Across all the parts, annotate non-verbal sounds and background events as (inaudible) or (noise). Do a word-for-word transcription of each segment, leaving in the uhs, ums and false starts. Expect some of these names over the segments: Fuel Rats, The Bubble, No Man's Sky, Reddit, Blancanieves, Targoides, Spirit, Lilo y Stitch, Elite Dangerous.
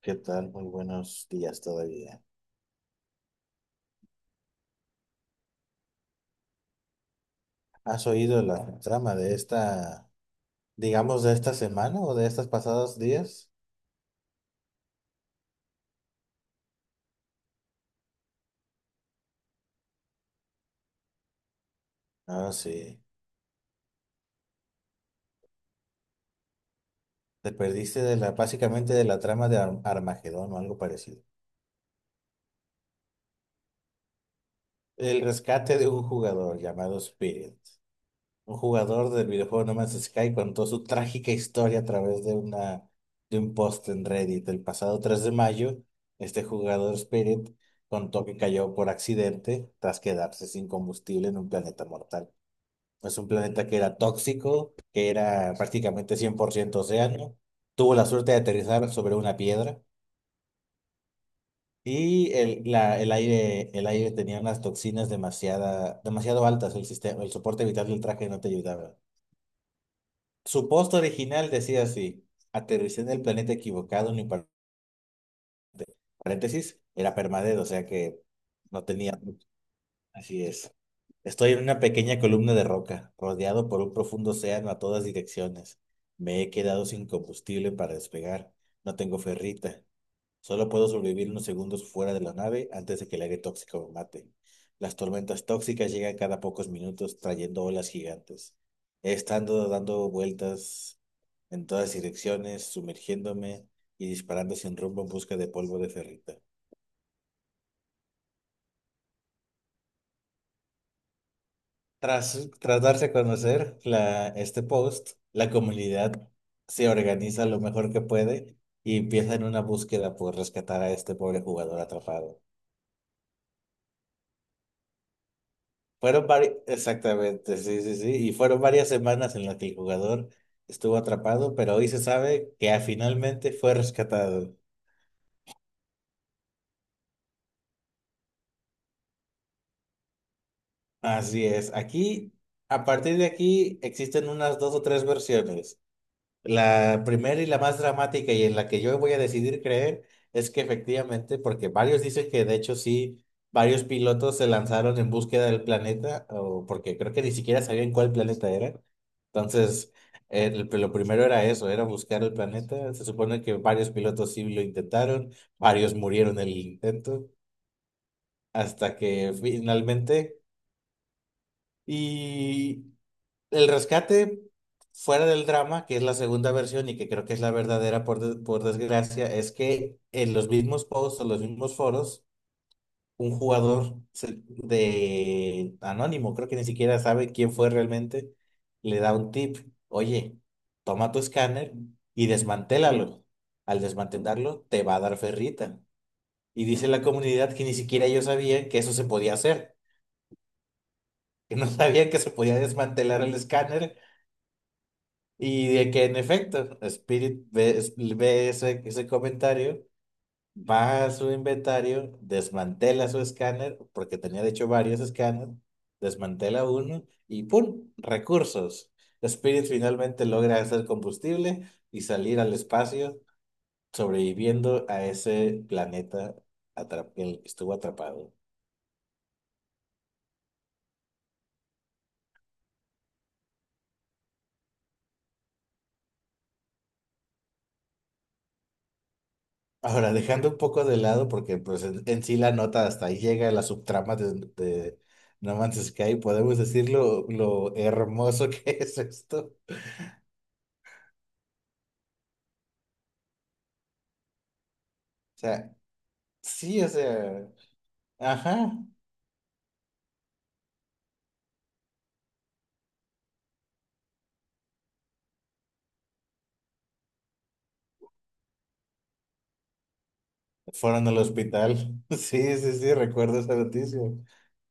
¿Qué tal? Muy buenos días todavía. ¿Has oído la trama de esta, digamos, de esta semana o de estos pasados días? Ah, sí. Te perdiste de la, básicamente de la trama de Arm- Armagedón o algo parecido. El rescate de un jugador llamado Spirit. Un jugador del videojuego No Man's Sky contó su trágica historia a través de una, de un post en Reddit. El pasado tres de mayo, este jugador Spirit contó que cayó por accidente tras quedarse sin combustible en un planeta mortal. Es un planeta que era tóxico, que era prácticamente cien por ciento océano. Tuvo la suerte de aterrizar sobre una piedra y el, la- el aire, el aire tenía unas toxinas demasiada, demasiado altas. El sistema, el soporte vital del traje no te ayudaba. Su post original decía así: aterricé en el planeta equivocado, ni par- paréntesis, era permadez, o sea que no tenía. Así es. Estoy en una pequeña columna de roca, rodeado por un profundo océano a todas direcciones. Me he quedado sin combustible para despegar. No tengo ferrita. Solo puedo sobrevivir unos segundos fuera de la nave antes de que el aire tóxico me mate. Las tormentas tóxicas llegan cada pocos minutos trayendo olas gigantes. He estado dando vueltas en todas direcciones, sumergiéndome y disparando sin rumbo en busca de polvo de ferrita. Tras, tras darse a conocer la, este post, la comunidad se organiza lo mejor que puede y empieza en una búsqueda por rescatar a este pobre jugador atrapado. Fueron varias, exactamente, sí, sí, sí, y fueron varias semanas en las que el jugador estuvo atrapado, pero hoy se sabe que ah, finalmente fue rescatado. Así es, aquí, a partir de aquí, existen unas dos o tres versiones. La primera y la más dramática y en la que yo voy a decidir creer es que efectivamente, porque varios dicen que de hecho sí, varios pilotos se lanzaron en búsqueda del planeta, o porque creo que ni siquiera sabían cuál planeta era. Entonces, el- lo primero era eso, era buscar el planeta. Se supone que varios pilotos sí lo intentaron, varios murieron en el intento, hasta que finalmente y el rescate, fuera del drama, que es la segunda versión y que creo que es la verdadera por, des- por desgracia, es que en los mismos posts o los mismos foros, un jugador se- de anónimo, creo que ni siquiera sabe quién fue realmente, le da un tip. Oye, toma tu escáner y desmantélalo. Al desmantelarlo, te va a dar ferrita. Y dice la comunidad que ni siquiera ellos sabían que eso se podía hacer, que no (laughs) sabían que se podía desmantelar el escáner. Y de que en efecto, Spirit ve, es- ve ese, ese comentario, va a su inventario, desmantela su escáner, porque tenía de hecho varios escáneres, desmantela uno y ¡pum! Recursos. Spirit finalmente logra hacer combustible y salir al espacio, sobreviviendo a ese planeta atrap- en el que estuvo atrapado. Ahora, dejando un poco de lado, porque pues en, en sí la nota hasta ahí llega la subtrama de, de No Man's Sky, podemos decir lo, lo hermoso que (laughs) es esto. O sea, sí, o sea, ajá, fueron al hospital. (laughs) Sí, sí, sí, recuerdo esa noticia,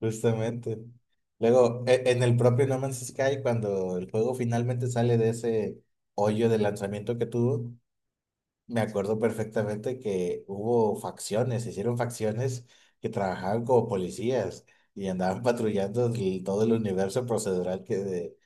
justamente. Luego, e- en el propio No Man's Sky, cuando el juego finalmente sale de ese hoyo de lanzamiento que tuvo, me acuerdo perfectamente que hubo facciones, se hicieron facciones que trabajaban como policías y andaban (laughs) patrullando el- todo el universo procedural que de-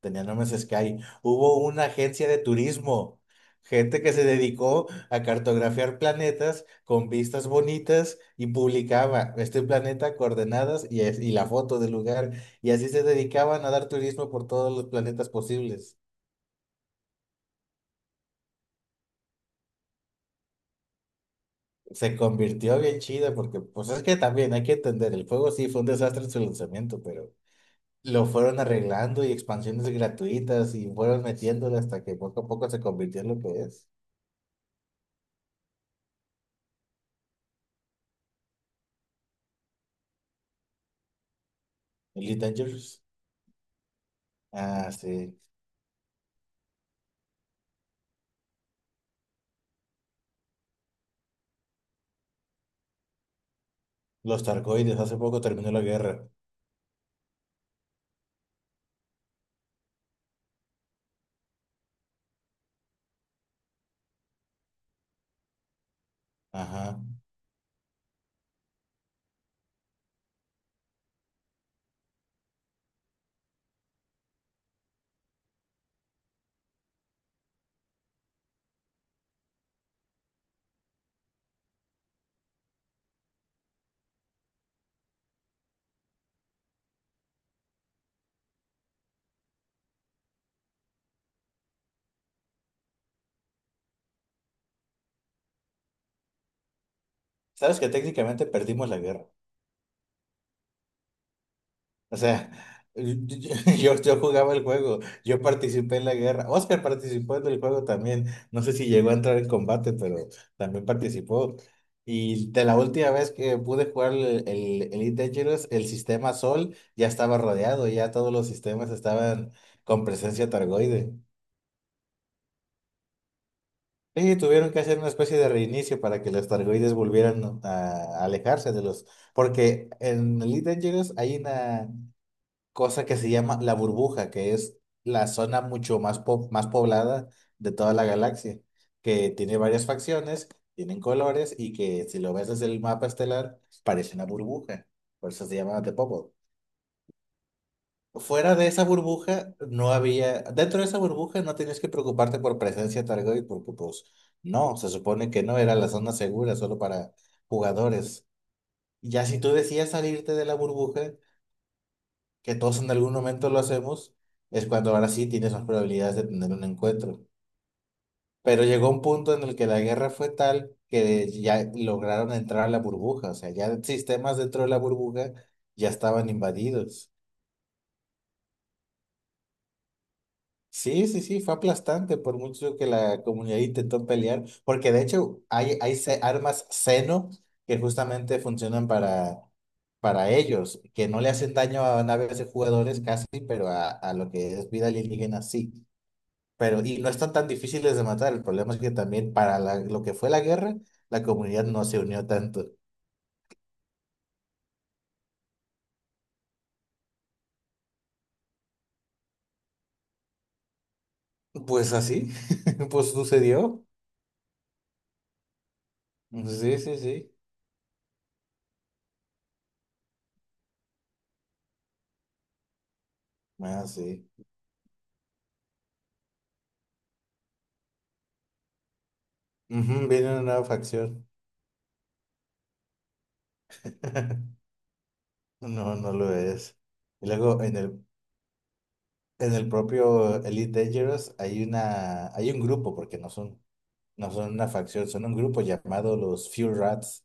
tenía No Man's Sky. Hubo una agencia de turismo, gente que se dedicó a cartografiar planetas con vistas bonitas y publicaba este planeta, coordenadas y, es- y la foto del lugar. Y así se dedicaban a dar turismo por todos los planetas posibles. Se convirtió bien chido porque, pues es que también hay que entender, el juego sí fue un desastre en su lanzamiento, pero lo fueron arreglando y expansiones gratuitas y fueron metiéndole hasta que poco a poco se convirtió en lo que es. Elite Dangerous. Ah, sí. Los Targoides, hace poco terminó la guerra. Ajá. Sabes que técnicamente perdimos la guerra. O sea, (laughs) yo, yo jugaba el juego, yo participé en la guerra. Oscar participó en el juego también. No sé si llegó a entrar en combate, pero también participó. Y de la última vez que pude jugar el, el Elite Dangerous, el sistema Sol ya estaba rodeado, ya todos los sistemas estaban con presencia targoide. Y tuvieron que hacer una especie de reinicio para que los targoides volvieran a, a alejarse de los... Porque en Elite Dangerous hay una cosa que se llama la burbuja, que es la zona mucho más, po- más poblada de toda la galaxia, que tiene varias facciones, tienen colores y que si lo ves desde el mapa estelar parece una burbuja, por eso se llama The Bubble. Fuera de esa burbuja no había, dentro de esa burbuja no tenías que preocuparte por presencia Targoid porque pues no, se supone que no era la zona segura solo para jugadores. Ya si tú decías salirte de la burbuja, que todos en algún momento lo hacemos, es cuando ahora sí tienes más probabilidades de tener un encuentro. Pero llegó un punto en el que la guerra fue tal que ya lograron entrar a la burbuja, o sea, ya sistemas dentro de la burbuja ya estaban invadidos. Sí, sí, sí, fue aplastante por mucho que la comunidad intentó pelear, porque de hecho hay, hay ce- armas Xeno que justamente funcionan para, para ellos, que no le hacen daño a naves de jugadores casi, pero a, a lo que es vida alienígena sí. Pero, y no están tan difíciles de matar. El problema es que también para la- lo que fue la guerra, la comunidad no se unió tanto. Pues así, (laughs) pues sucedió. Sí, sí, sí. Ah, sí. Ujú, viene una nueva facción. (laughs) No, no lo es. Y luego en el, en el propio Elite Dangerous hay una, hay un grupo, porque no son, no son una facción, son un grupo llamado los Fuel Rats.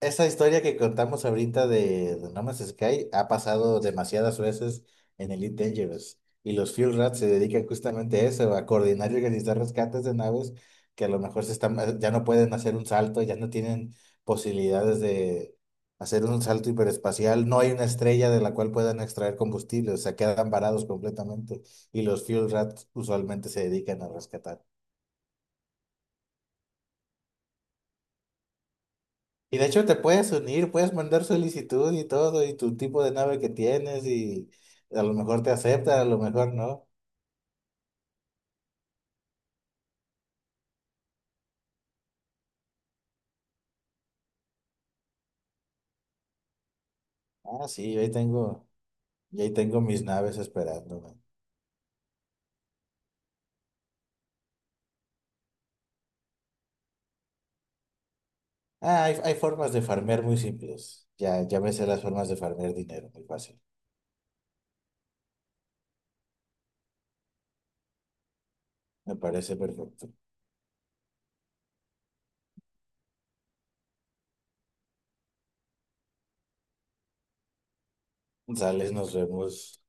Esa historia que contamos ahorita de, de No Man's Sky ha pasado demasiadas veces en Elite Dangerous y los Fuel Rats se dedican justamente a eso, a coordinar y organizar rescates de naves que a lo mejor se están, ya no pueden hacer un salto, ya no tienen posibilidades de hacer un salto hiperespacial, no hay una estrella de la cual puedan extraer combustible, o sea, quedan varados completamente y los Fuel Rats usualmente se dedican a rescatar. Y de hecho te puedes unir, puedes mandar solicitud y todo, y tu tipo de nave que tienes, y a lo mejor te acepta, a lo mejor no. Ah, sí, yo ahí tengo, yo ahí tengo mis naves esperándome. Ah, hay, hay formas de farmear muy simples. Ya, ya me sé las formas de farmear dinero, muy fácil. Me parece perfecto. Sales, nos vemos.